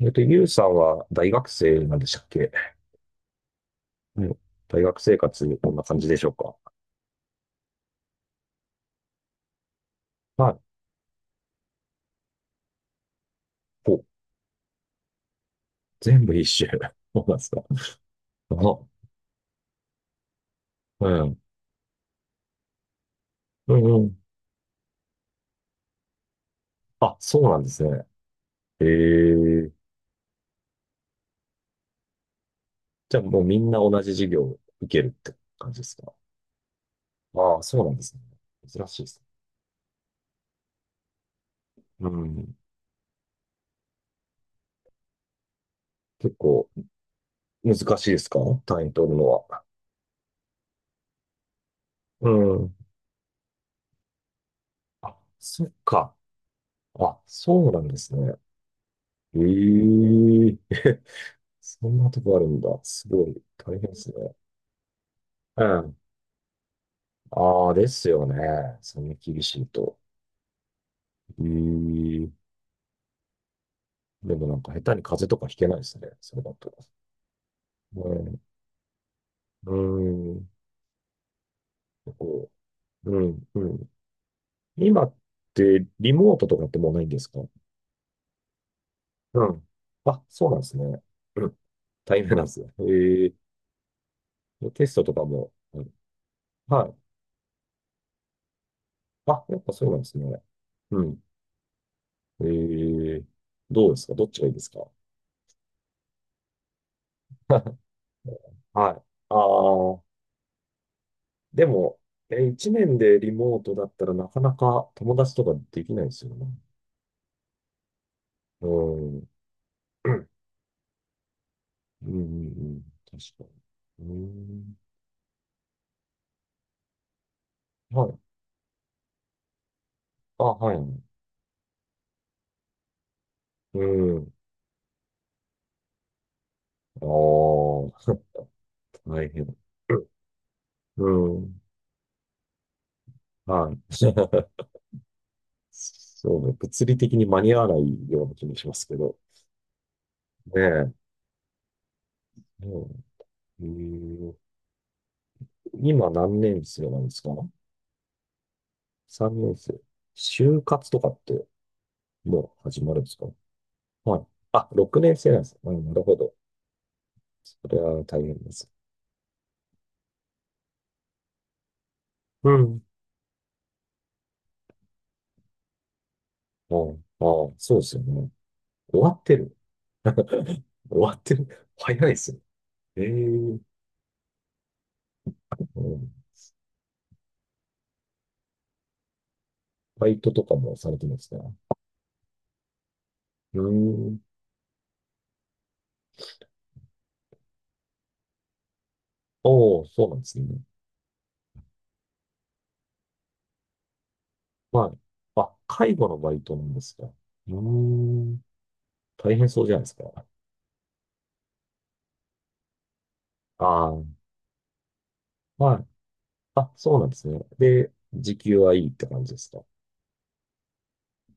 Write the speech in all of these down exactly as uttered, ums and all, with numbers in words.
えっと、ゆうさんは大学生なんでしたっけ？うん。大学生活、こんな感じでしょうか？はい。お、全部一周。そうなんですか。あ、うん。うんうん。あ、そうなんですね。ええ。じゃあもうみんな同じ授業を受けるって感じですか？ああ、そうなんですね。珍しいですね。うん。結構難しいですか？単位取るのは。うん。あ、そっか。あ、そうなんですね。ええ。 そんなとこあるんだ。すごい大変ですね。うん。ああ、ですよね。そんな厳しいと。えーん、でもなんか下手に風邪とかひけないですね。それだと。うん。うん。こう。うん。うん。今ってリモートとかってもうないんですか？うん。あ、そうなんですね。うん。大変なんですね。えー、テストとかも。うん。はい。あ、やっぱそうなんですね。うん。ええ。どうですか？どっちがいいですか？ はい。ああ、でも、え、一年でリモートだったらなかなか友達とかできないですよね。うん。うん、うん、うん。確かに。うん。はい。あ、はい。うん。ああ、大変。うん。はい。そうね。物理的に間に合わないような気もしますけど。ねえ。うん。うん。今何年生なんですか？ さんねんせい 年生。就活とかってもう始まるんですか？はい。あ、ろくねんせい生なんです。うん、なるほど。それは大変です。うん。ああ、ああそうですよね。終わってる。終わってる。早いですね。ええ。うん。バイトとかもされてるんですね。うーん。おー、そうなんですね。はい。あ、介護のバイトなんですか。うーん。大変そうじゃないですか。ああ、はい。あ、そうなんですね。で、時給はいいって感じですか。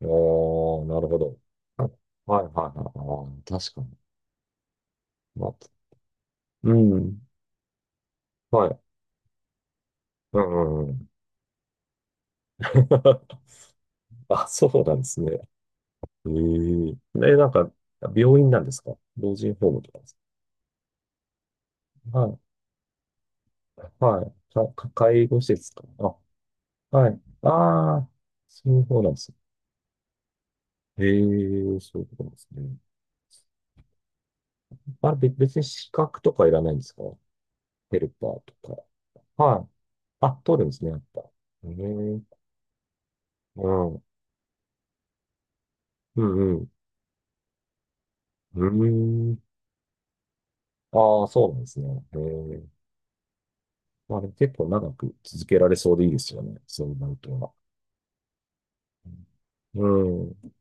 おー、なるほど。あ、はいはいはい。ああ、確かに。まあ、うん。はい。うんうんうん。あ、そうなんですね。えええ、なんか、病院なんですか？老人ホームとかですか？はい。はい。か、か介護施設か。あ、はい。ああ、そういう方なんですね。ええ。そういうことなんですね。あれ、べ別に資格とかいらないんですか？ヘルパーとか。はい。あ、取るんですね、やっぱ。ええ。うん。うんうん。うーん。ああ、そうなんですね。ええ。まあでも結構長く続けられそうでいいですよね。そうなるとは。うん、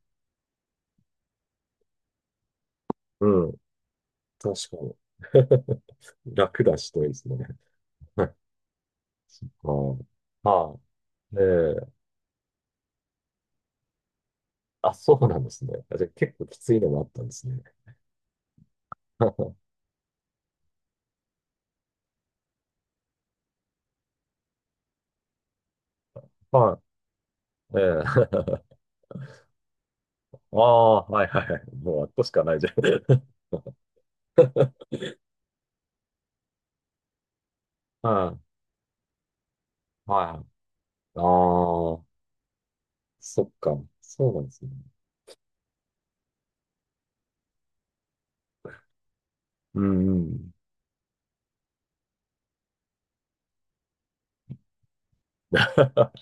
うん、確かに。楽だしといいですね。ああ、ああ。ええ。あ、そうなんですね。あ、じゃあ結構きついのもあったんですね。はい、ええ。 ああ、はいはいはい。もうあっこしかないじゃん。はい、はい。ああ、そっか。そうなんですね。うんうん。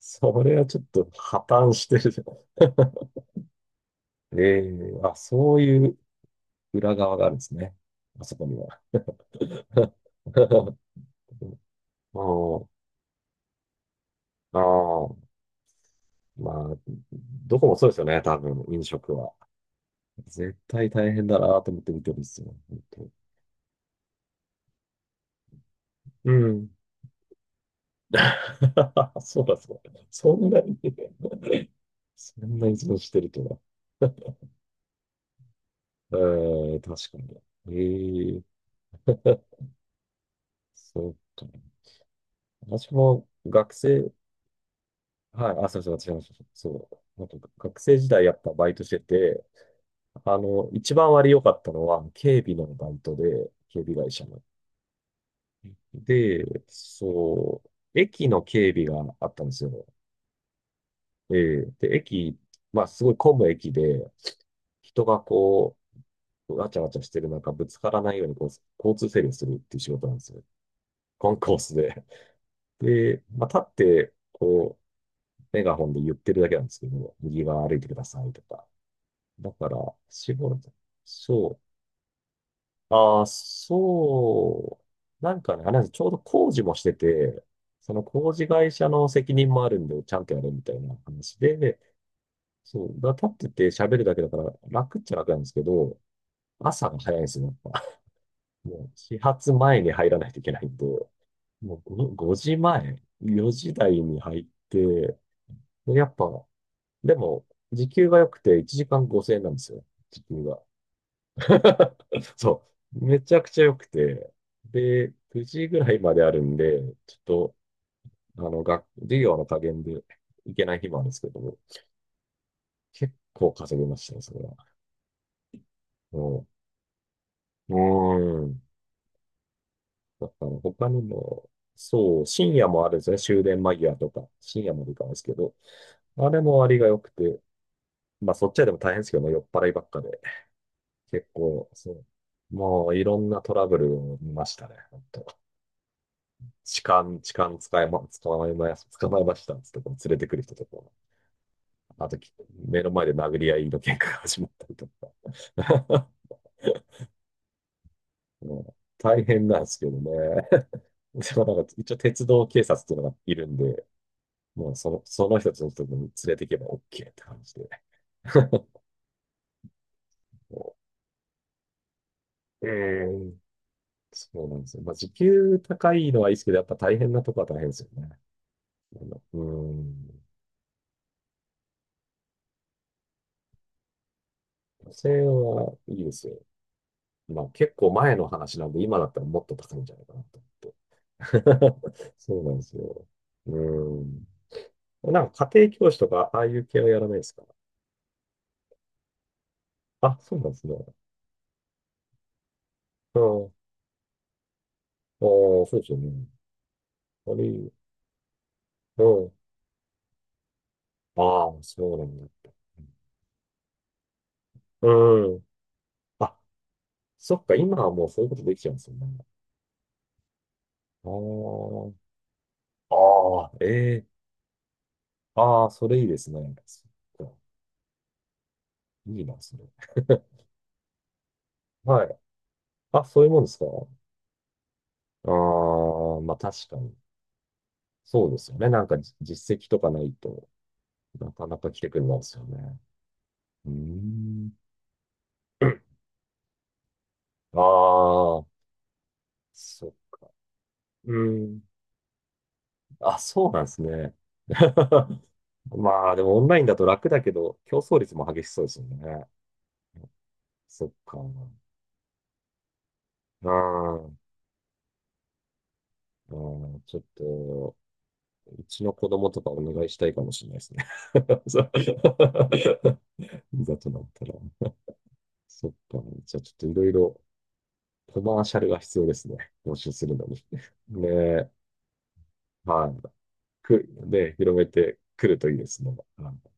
それはちょっと破綻してるじゃん。ええ。あ、そういう裏側があるんですね。あそこには。うん。ああ、まあ、どこもそうですよね、多分、飲食は。絶対大変だなと思って見てるんですよ、本当。うん。そうだそうだ。そんなにそんな依存してるとは。ええ。確かに。ええ。そうか。私も学生、はい、あ、そうそう、私もそうそう。なんか学生時代やっぱバイトしてて、あの、一番割良かったのは、警備のバイトで、警備会社の。で、そう、駅の警備があったんですよ。えーで、駅、まあ、すごい混む駅で、人がこう、わちゃわちゃしてる中、ぶつからないようにこう、交通整理をするっていう仕事なんですよ。コンコースで。で、まあ、立って、こう、メガホンで言ってるだけなんですけど、右側歩いてくださいとか。だから、仕事、そう。ああ、そう。なんかね、あれなんです、ちょうど工事もしてて、その工事会社の責任もあるんで、ちゃんとやるみたいな話で、そう、だから立ってて喋るだけだから楽っちゃ楽なんですけど、朝が早いんですよ、やっぱ。もう始発前に入らないといけないんで、もうご ご, 時前、よじ台に入って、でやっぱ、でも、時給が良くていちじかんごせんえんなんですよ、時給が。そう。めちゃくちゃ良くて。で、くじぐらいまであるんで、ちょっと、あの、学、授業の加減で行けない日もあるんですけども、結構稼ぎましたね、それは。もう、うーん。だから他にも、そう、深夜もあるんですね。終電間際とか、深夜まで行かないですけど、あれも割が良くて、まあそっちはでも大変ですけどね、酔っ払いばっかで。結構、そう。もういろんなトラブルを見ましたね、本当。痴漢、痴漢捕まえま、捕まえま、捕まえましたっつってこう連れてくる人とか、あとき目の前で殴り合いの喧嘩が始まったりとか。うん。大変なんですけどね。でもなんか一応鉄道警察っていうのがいるんで、もうその、その人たちのところに連れていけば OK って感じで。もう。えーそうなんですよ。まあ、時給高いのはいいですけど、やっぱ大変なとこは大変ですよね。あのうーん。女性はいいですよ。まあ結構前の話なんで、今だったらもっと高いんじゃないかなと思って。そうなんですよ。うん。なんか家庭教師とか、ああいう系はやらないですか？あ、そうなんですね。うん。ああ、そうですよね。あれ、うん。ああ、そうなんだ。うん。あ、そっか、今はもうそういうことできちゃうんですよね。ああ、ああ、ええ。ああ、それいいですね。そっか。いいな、それ。はい。あ、そういうもんですか？ああ、まあ確かに。そうですよね。なんかじ実績とかないとなかなか来てくれないですよね。うーん。ああ、そっか。うーん。あ、そうなんですね。まあ、でもオンラインだと楽だけど、競争率も激しそうですよね。そっか。うん。うん、ちょっと、うちの子供とかお願いしたいかもしれないですね。そう。 いざとなったら。そっか。じゃあちょっといろいろコマーシャルが必要ですね。募集するのに。ね。はい。く、で、広めてくるといいですね。はい